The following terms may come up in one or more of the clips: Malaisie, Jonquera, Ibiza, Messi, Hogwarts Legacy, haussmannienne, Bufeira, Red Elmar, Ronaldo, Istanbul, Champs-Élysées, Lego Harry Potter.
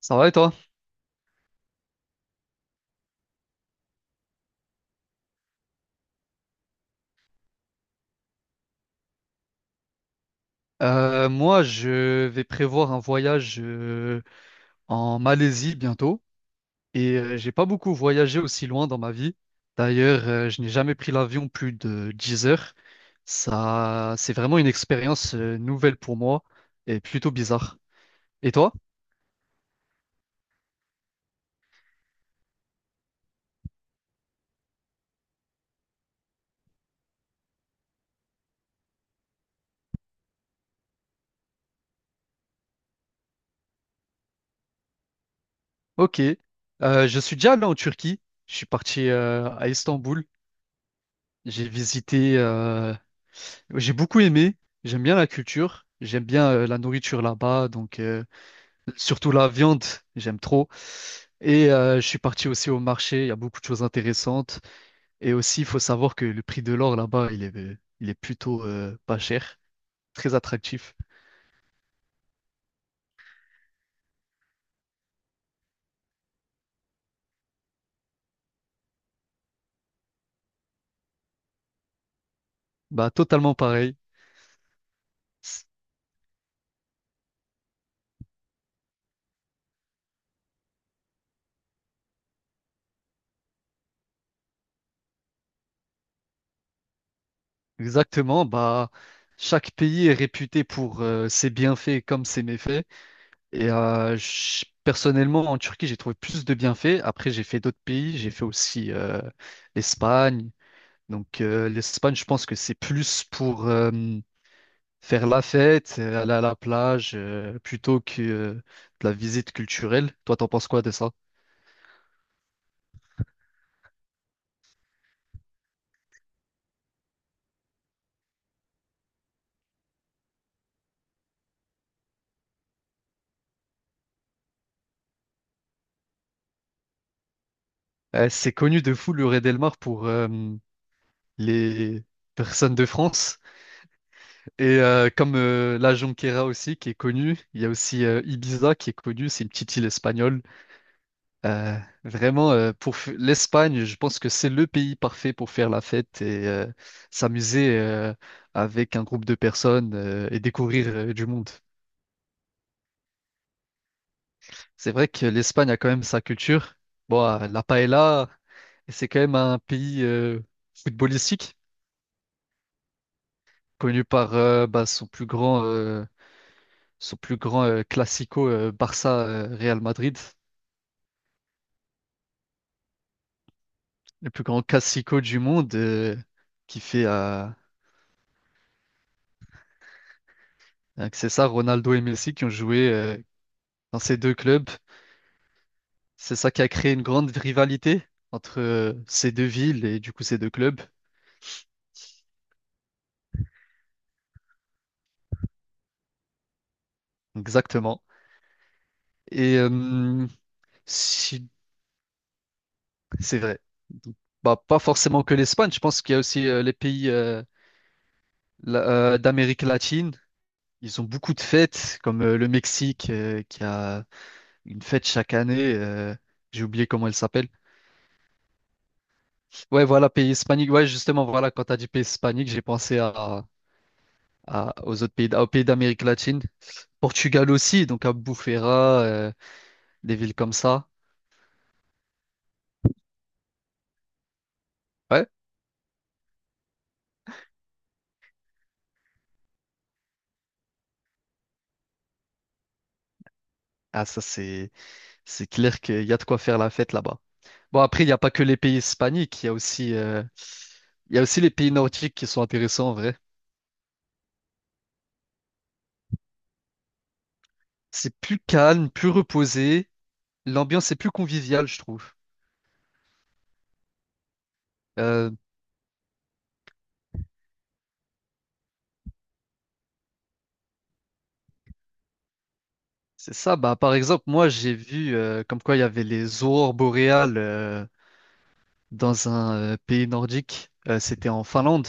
Ça va et toi? Moi, je vais prévoir un voyage en Malaisie bientôt et j'ai pas beaucoup voyagé aussi loin dans ma vie. D'ailleurs, je n'ai jamais pris l'avion plus de 10 heures. Ça, c'est vraiment une expérience nouvelle pour moi et plutôt bizarre. Et toi? Ok. Je suis déjà allé en Turquie. Je suis parti à Istanbul. J'ai visité euh, j'ai beaucoup aimé, j'aime bien la culture, j'aime bien la nourriture là-bas, donc surtout la viande, j'aime trop. Et je suis parti aussi au marché, il y a beaucoup de choses intéressantes. Et aussi, il faut savoir que le prix de l'or là-bas, il est plutôt pas cher, très attractif. Bah, totalement pareil. Exactement, bah, chaque pays est réputé pour ses bienfaits comme ses méfaits. Et personnellement, en Turquie, j'ai trouvé plus de bienfaits. Après, j'ai fait d'autres pays, j'ai fait aussi l'Espagne. Donc, l'Espagne, je pense que c'est plus pour... faire la fête, aller à la plage, plutôt que de la visite culturelle. Toi, t'en penses quoi de ça? C'est connu de fou le Red Elmar pour les personnes de France. Et comme la Jonquera aussi, qui est connue, il y a aussi Ibiza qui est connue, c'est une petite île espagnole. Euh, vraiment, l'Espagne, je pense que c'est le pays parfait pour faire la fête et s'amuser avec un groupe de personnes et découvrir du monde. C'est vrai que l'Espagne a quand même sa culture. Bon, la paella, c'est quand même un pays footballistique, connu par bah, son plus grand classico Barça-Real Madrid, le plus grand classico du monde, qui fait que c'est ça, Ronaldo et Messi qui ont joué dans ces deux clubs. C'est ça qui a créé une grande rivalité entre ces deux villes et du coup ces deux clubs. Exactement. Et si C'est vrai. Donc, bah, pas forcément que l'Espagne, je pense qu'il y a aussi d'Amérique latine. Ils ont beaucoup de fêtes, comme le Mexique qui a une fête chaque année. J'ai oublié comment elle s'appelle. Ouais, voilà, pays hispanique. Ouais, justement, voilà, quand tu as dit pays hispanique, j'ai pensé aux autres pays, aux pays d'Amérique latine. Portugal aussi, donc à Bufeira, des villes comme ça. Ouais, ah, c'est clair qu'il y a de quoi faire la fête là-bas. Bon, après, il n'y a pas que les pays hispaniques, il y a aussi les pays nordiques qui sont intéressants en vrai. C'est plus calme, plus reposé, l'ambiance est plus conviviale, je trouve. Euh, c'est ça, bah, par exemple, moi j'ai vu comme quoi il y avait les aurores boréales dans un pays nordique. C'était en Finlande,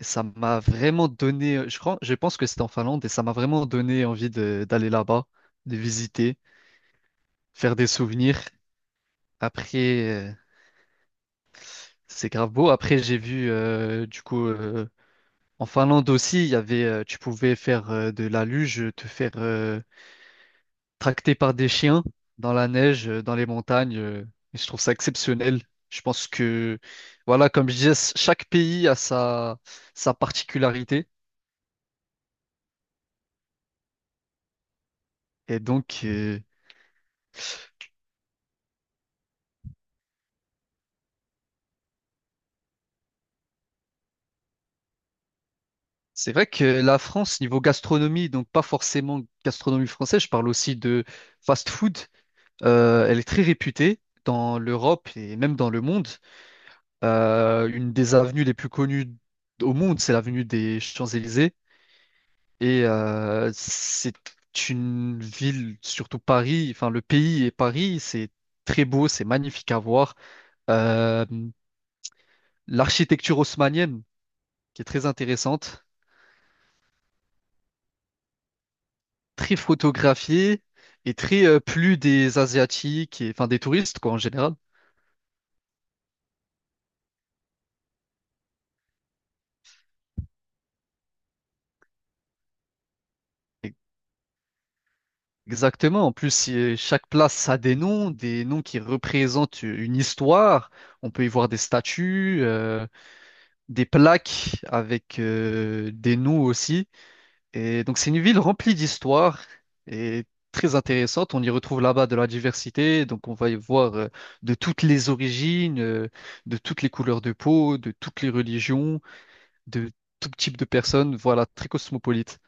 et ça m'a vraiment donné, je crois, je pense que c'était en Finlande, et ça m'a vraiment donné envie d'aller là-bas, de visiter, faire des souvenirs. Après. Euh, C'est grave beau. Après, j'ai vu, en Finlande aussi, il y avait, tu pouvais faire de la luge, te faire tracter par des chiens dans la neige, dans les montagnes. Et je trouve ça exceptionnel. Je pense, voilà, comme je disais, chaque pays a sa particularité. Et donc, c'est vrai que la France, niveau gastronomie, donc pas forcément gastronomie française, je parle aussi de fast-food, elle est très réputée dans l'Europe et même dans le monde. Une des avenues les plus connues au monde, c'est l'avenue des Champs-Élysées. Et c'est une ville, surtout Paris, enfin le pays et Paris, c'est très beau, c'est magnifique à voir. Euh, L'architecture haussmannienne, qui est très intéressante, très photographiée et très plus des Asiatiques, et, enfin des touristes quoi en général. Exactement. En plus, si, chaque place a des noms qui représentent une histoire. On peut y voir des statues. Des plaques avec des nous aussi. Et donc c'est une ville remplie d'histoire et très intéressante. On y retrouve là-bas de la diversité. Donc on va y voir de toutes les origines, de toutes les couleurs de peau, de toutes les religions, de tout type de personnes. Voilà, très cosmopolite.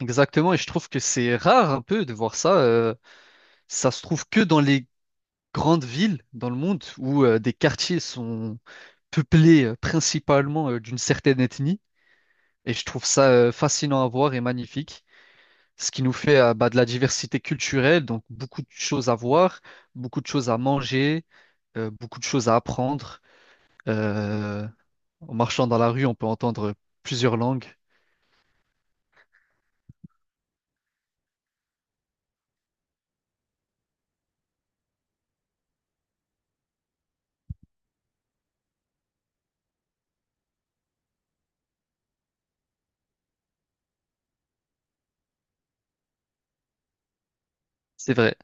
Exactement. Et je trouve que c'est rare un peu de voir ça. Ça se trouve que dans les grandes villes dans le monde où des quartiers sont peuplés principalement d'une certaine ethnie. Et je trouve ça fascinant à voir et magnifique, ce qui nous fait bah, de la diversité culturelle, donc beaucoup de choses à voir, beaucoup de choses à manger, beaucoup de choses à apprendre. Euh, En marchant dans la rue, on peut entendre plusieurs langues. C'est vrai,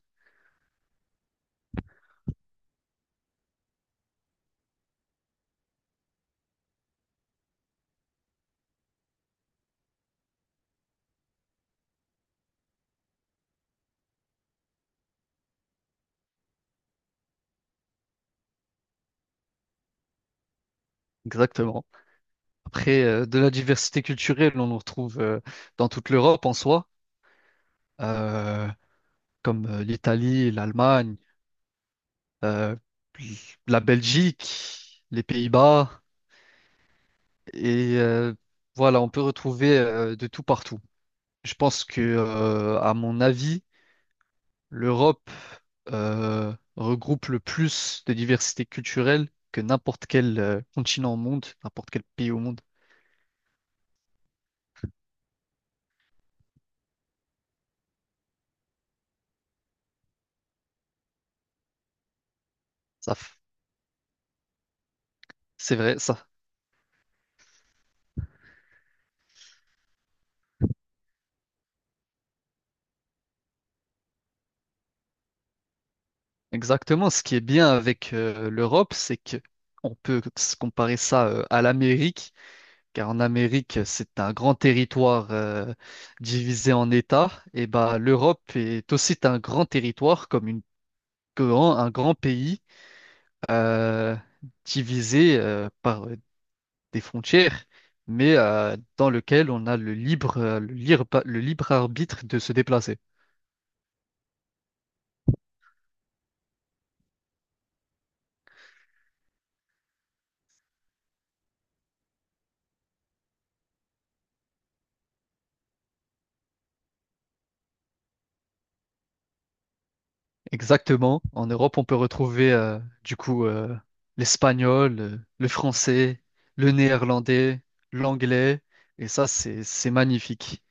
exactement. Après, de la diversité culturelle, on en retrouve dans toute l'Europe en soi, euh, comme l'Italie, l'Allemagne, euh, la Belgique, les Pays-Bas. Et voilà, on peut retrouver de tout partout. À mon avis, l'Europe regroupe le plus de diversité culturelle que n'importe quel continent au monde, n'importe quel pays au monde. Ça, f- c'est vrai, ça. Exactement. Ce qui est bien avec l'Europe, c'est que on peut se comparer ça à l'Amérique, car en Amérique, c'est un grand territoire divisé en États. Et bah, l'Europe est aussi un grand territoire comme une grand, un grand pays euh, divisé par des frontières, mais dans lequel on a le libre arbitre de se déplacer. Exactement. En Europe, on peut retrouver l'espagnol, le français, le néerlandais, l'anglais, et ça, c'est magnifique.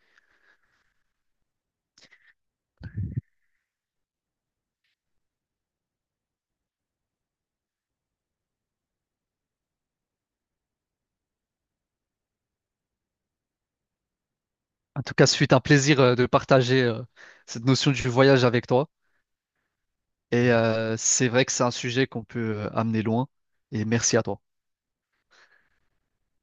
En tout cas, ce fut un plaisir de partager cette notion du voyage avec toi. Et c'est vrai que c'est un sujet qu'on peut amener loin. Et merci à toi.